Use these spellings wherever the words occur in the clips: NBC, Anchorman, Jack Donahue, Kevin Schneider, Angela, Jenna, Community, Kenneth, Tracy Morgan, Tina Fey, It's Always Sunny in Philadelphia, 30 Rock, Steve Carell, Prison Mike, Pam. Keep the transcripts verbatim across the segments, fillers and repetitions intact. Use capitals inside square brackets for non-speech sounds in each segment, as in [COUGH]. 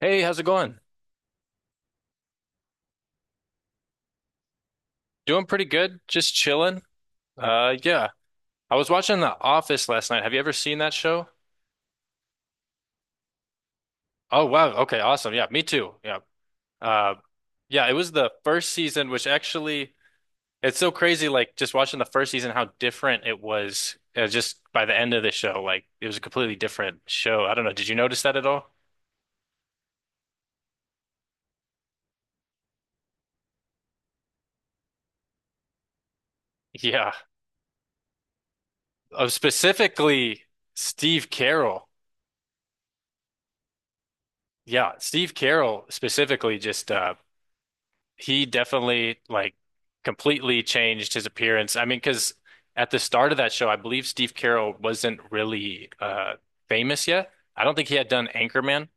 Hey, how's it going? Doing pretty good. Just chilling. Uh, yeah. I was watching The Office last night. Have you ever seen that show? Oh, wow. Okay, awesome. Yeah, me too. Yeah. Uh, yeah, it was the first season, which actually, it's so crazy. Like just watching the first season, how different it was uh, just by the end of the show. Like it was a completely different show. I don't know. Did you notice that at all? [LAUGHS] Yeah. Uh, specifically, Steve Carell. Yeah, Steve Carell specifically just uh, he definitely like completely changed his appearance. I mean, because at the start of that show, I believe Steve Carell wasn't really uh famous yet. I don't think he had done Anchorman.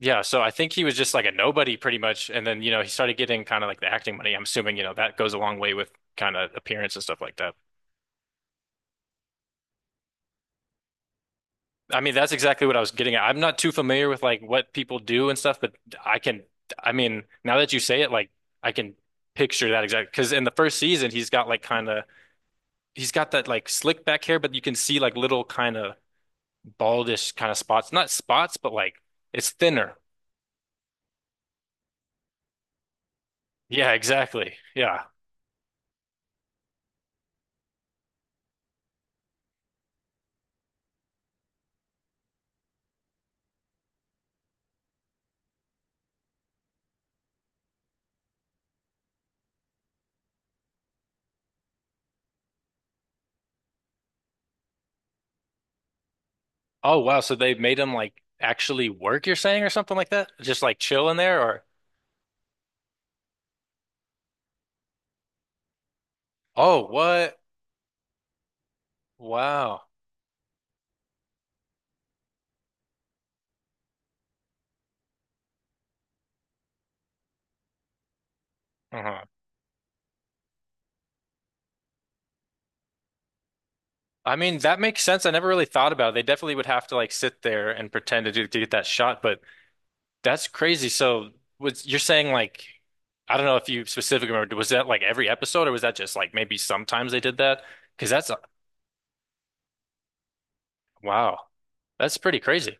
Yeah, so I think he was just like a nobody pretty much. And then, you know, he started getting kind of like the acting money. I'm assuming, you know, that goes a long way with kind of appearance and stuff like that. I mean, that's exactly what I was getting at. I'm not too familiar with like what people do and stuff, but I can, I mean, now that you say it, like I can picture that exactly. Because in the first season, he's got like kind of he's got that like slick back hair, but you can see like little kind of baldish kind of spots. Not spots, but like it's thinner. Yeah, exactly. Yeah. Oh wow, so they made him like actually work, you're saying, or something like that? Just like chill in there or oh what? Wow. Uh-huh. I mean, that makes sense. I never really thought about it. They definitely would have to like sit there and pretend to, do, to get that shot, but that's crazy. So was you're saying like I don't know if you specifically remember, was that like every episode or was that just like maybe sometimes they did that? Because that's Wow. That's pretty crazy.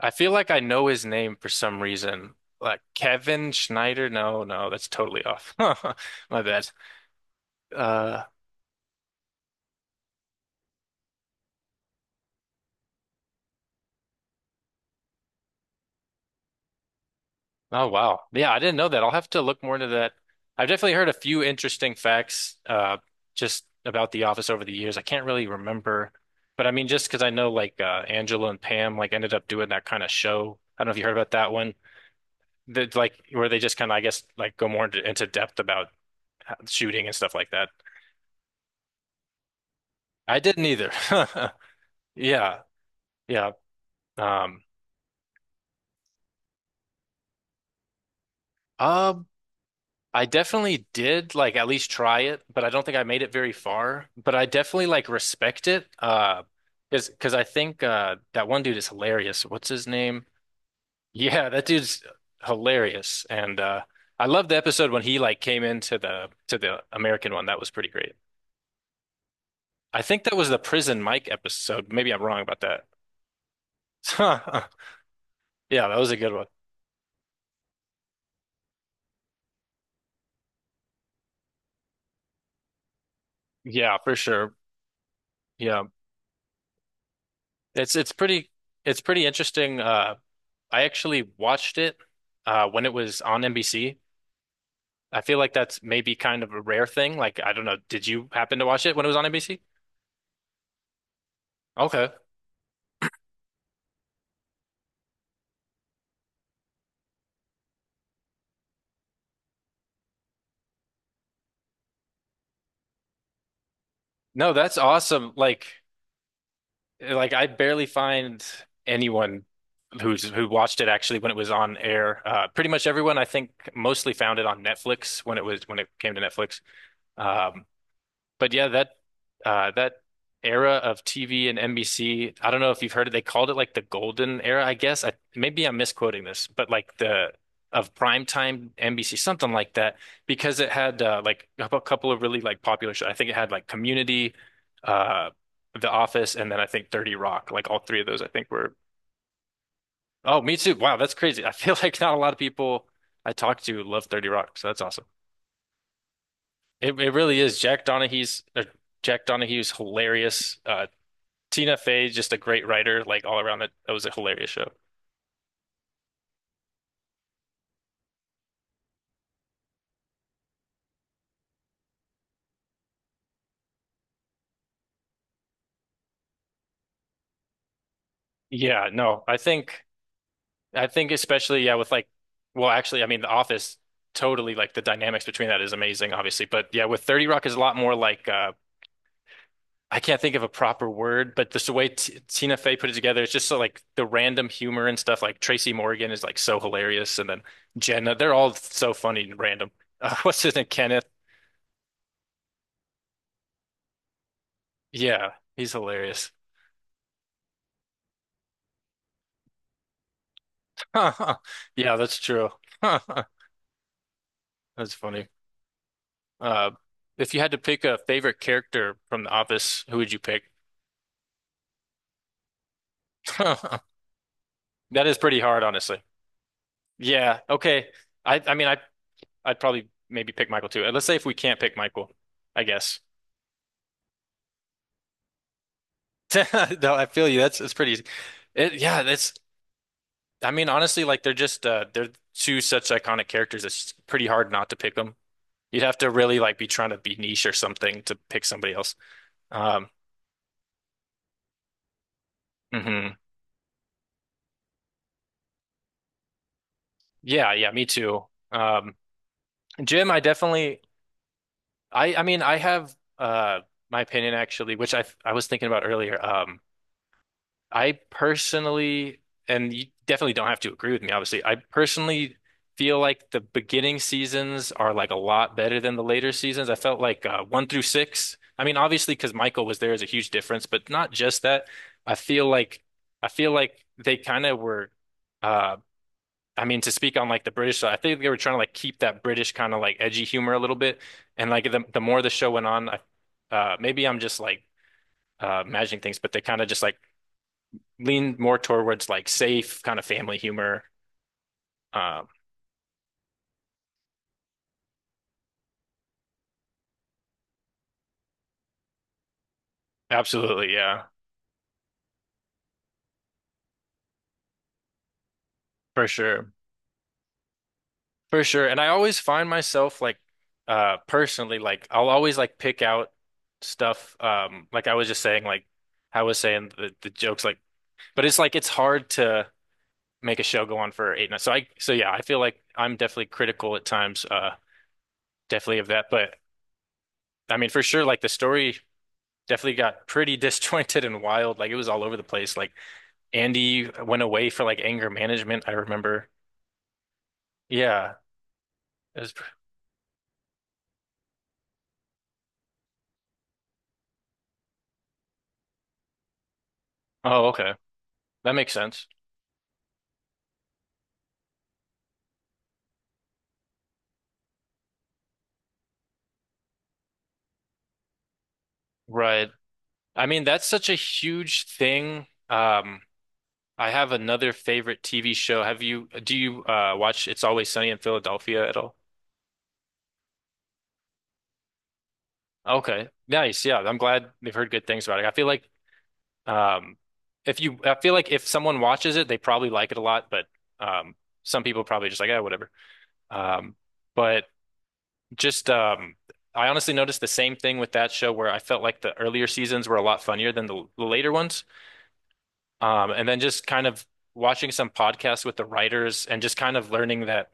I feel like I know his name for some reason. Like Kevin Schneider. No, no, that's totally off. [LAUGHS] My bad. Uh, oh wow. Yeah, I didn't know that. I'll have to look more into that. I've definitely heard a few interesting facts uh just about The Office over the years. I can't really remember, but I mean just because I know like uh Angela and Pam like ended up doing that kind of show. I don't know if you heard about that one. That like where they just kind of I guess like go more into, into depth about uh, shooting and stuff like that. I didn't either. [LAUGHS] Yeah, yeah. Um, um, I definitely did like at least try it, but I don't think I made it very far. But I definitely like respect it. Uh, because because I think uh that one dude is hilarious. What's his name? [LAUGHS] Yeah, that dude's hilarious. And uh, I love the episode when he like came into the to the American one. That was pretty great. I think that was the Prison Mike episode. Maybe I'm wrong about that. [LAUGHS] Yeah, that was a good one. Yeah, for sure. Yeah. It's it's pretty it's pretty interesting. Uh, I actually watched it uh, when it was on N B C. I feel like that's maybe kind of a rare thing. Like I don't know, did you happen to watch it when it was on N B C? Okay. No, that's awesome. Like like I barely find anyone who's who watched it actually when it was on air. Uh, pretty much everyone I think mostly found it on Netflix when it was when it came to Netflix. Um, but yeah, that uh, that era of T V and N B C. I don't know if you've heard it. They called it like the golden era, I guess. I, maybe I'm misquoting this, but like the of primetime N B C, something like that, because it had uh, like a couple of really like popular shows. I think it had like Community, uh, The Office, and then I think thirty Rock. Like all three of those, I think were. Oh, me too. Wow, that's crazy. I feel [LAUGHS] like not a lot of people I talk to love thirty Rock, so that's awesome. It it really is. Jack Donahue's or Jack Donahue's hilarious. Uh, Tina Fey, just a great writer, like all around it. That was a hilarious show. Yeah, no, I think I think especially yeah with like well actually I mean The Office totally like the dynamics between that is amazing obviously but yeah with thirty Rock is a lot more like uh I can't think of a proper word but just the way T Tina Fey put it together it's just so like the random humor and stuff like Tracy Morgan is like so hilarious and then Jenna they're all so funny and random uh, [LAUGHS] what's his name Kenneth yeah he's hilarious [LAUGHS] yeah that's true [LAUGHS] that's funny. Uh, if you had to pick a favorite character from The Office, who would you pick? [LAUGHS] That is pretty hard, honestly. Yeah. Okay. I I mean I I'd probably maybe pick Michael too. Uh, Let's say if we can't pick Michael, I guess. [LAUGHS] No, I feel you. That's It's pretty easy. It, yeah, that's I mean honestly like they're just uh they're two such iconic characters it's pretty hard not to pick them. You'd have to really like be trying to be niche or something to pick somebody else. Um mhm. Yeah, yeah, me too. Um Jim, I definitely I I mean I have uh my opinion actually, which I I was thinking about earlier. Um, I personally, and you definitely don't have to agree with me, obviously. I personally feel like the beginning seasons are like a lot better than the later seasons. I felt like uh, one through six. I mean, obviously, because Michael was there is a huge difference, but not just that. I feel like I feel like they kind of were. uh, I mean, to speak on like the British side, I think they were trying to like keep that British kind of like edgy humor a little bit. And like the the more the show went on, I, uh, maybe I'm just like uh, imagining things, but they kind of just like leaned more towards like safe kind of family humor. Um, Absolutely, yeah, for sure, for sure. And I always find myself like uh, personally like I'll always like pick out stuff. Um, like I was just saying, like I was saying the, the jokes, like, but it's like it's hard to make a show go on for eight nights. So I, so yeah, I feel like I'm definitely critical at times, uh, definitely of that. But I mean, for sure, like the story definitely got pretty [LAUGHS] disjointed and wild. Like it was all over the place. Like Andy went away for like anger management. I remember. Yeah. It was, oh, okay. That makes sense. Right. I mean, that's such a huge thing. Um, I have another favorite T V show. Have you, do you, uh, watch It's Always Sunny in Philadelphia at all? Okay, nice. Yeah, I'm glad they've heard good things about it. I feel like Um, if you, I feel like if someone watches it, they probably like it a lot, but um, some people probably just like, oh, whatever. Um, but just, um, I honestly noticed the same thing with that show where I felt like the earlier seasons were a lot funnier than the, the later ones. Um, and then just kind of watching some podcasts with the writers and just kind of learning that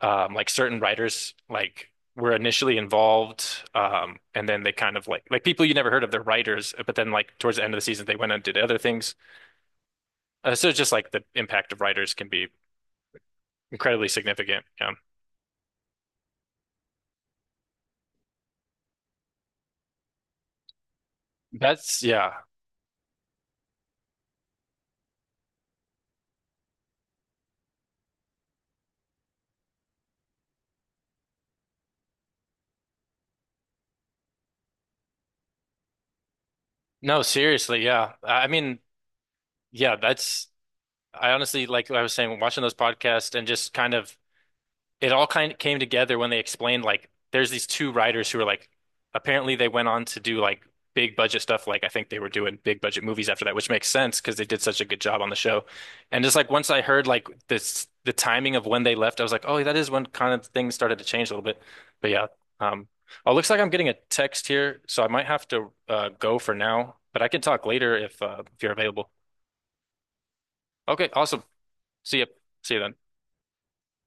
um, like certain writers like were initially involved um, and then they kind of like like people you never heard of, they're writers, but then like towards the end of the season they went and did other things. Uh, so just like the impact of writers can be incredibly significant. Yeah. That's yeah. No, seriously, yeah. I I mean, yeah, that's I honestly like I was saying watching those podcasts and just kind of it all kind of came together when they explained like there's these two writers who are like apparently they went on to do like big budget stuff like I think they were doing big budget movies after that which makes sense because they did such a good job on the show and just like once I heard like this the timing of when they left I was like oh that is when kind of things started to change a little bit but yeah um oh looks like I'm getting a text here so I might have to uh go for now but I can talk later if uh if you're available. Okay awesome, see you, see you then.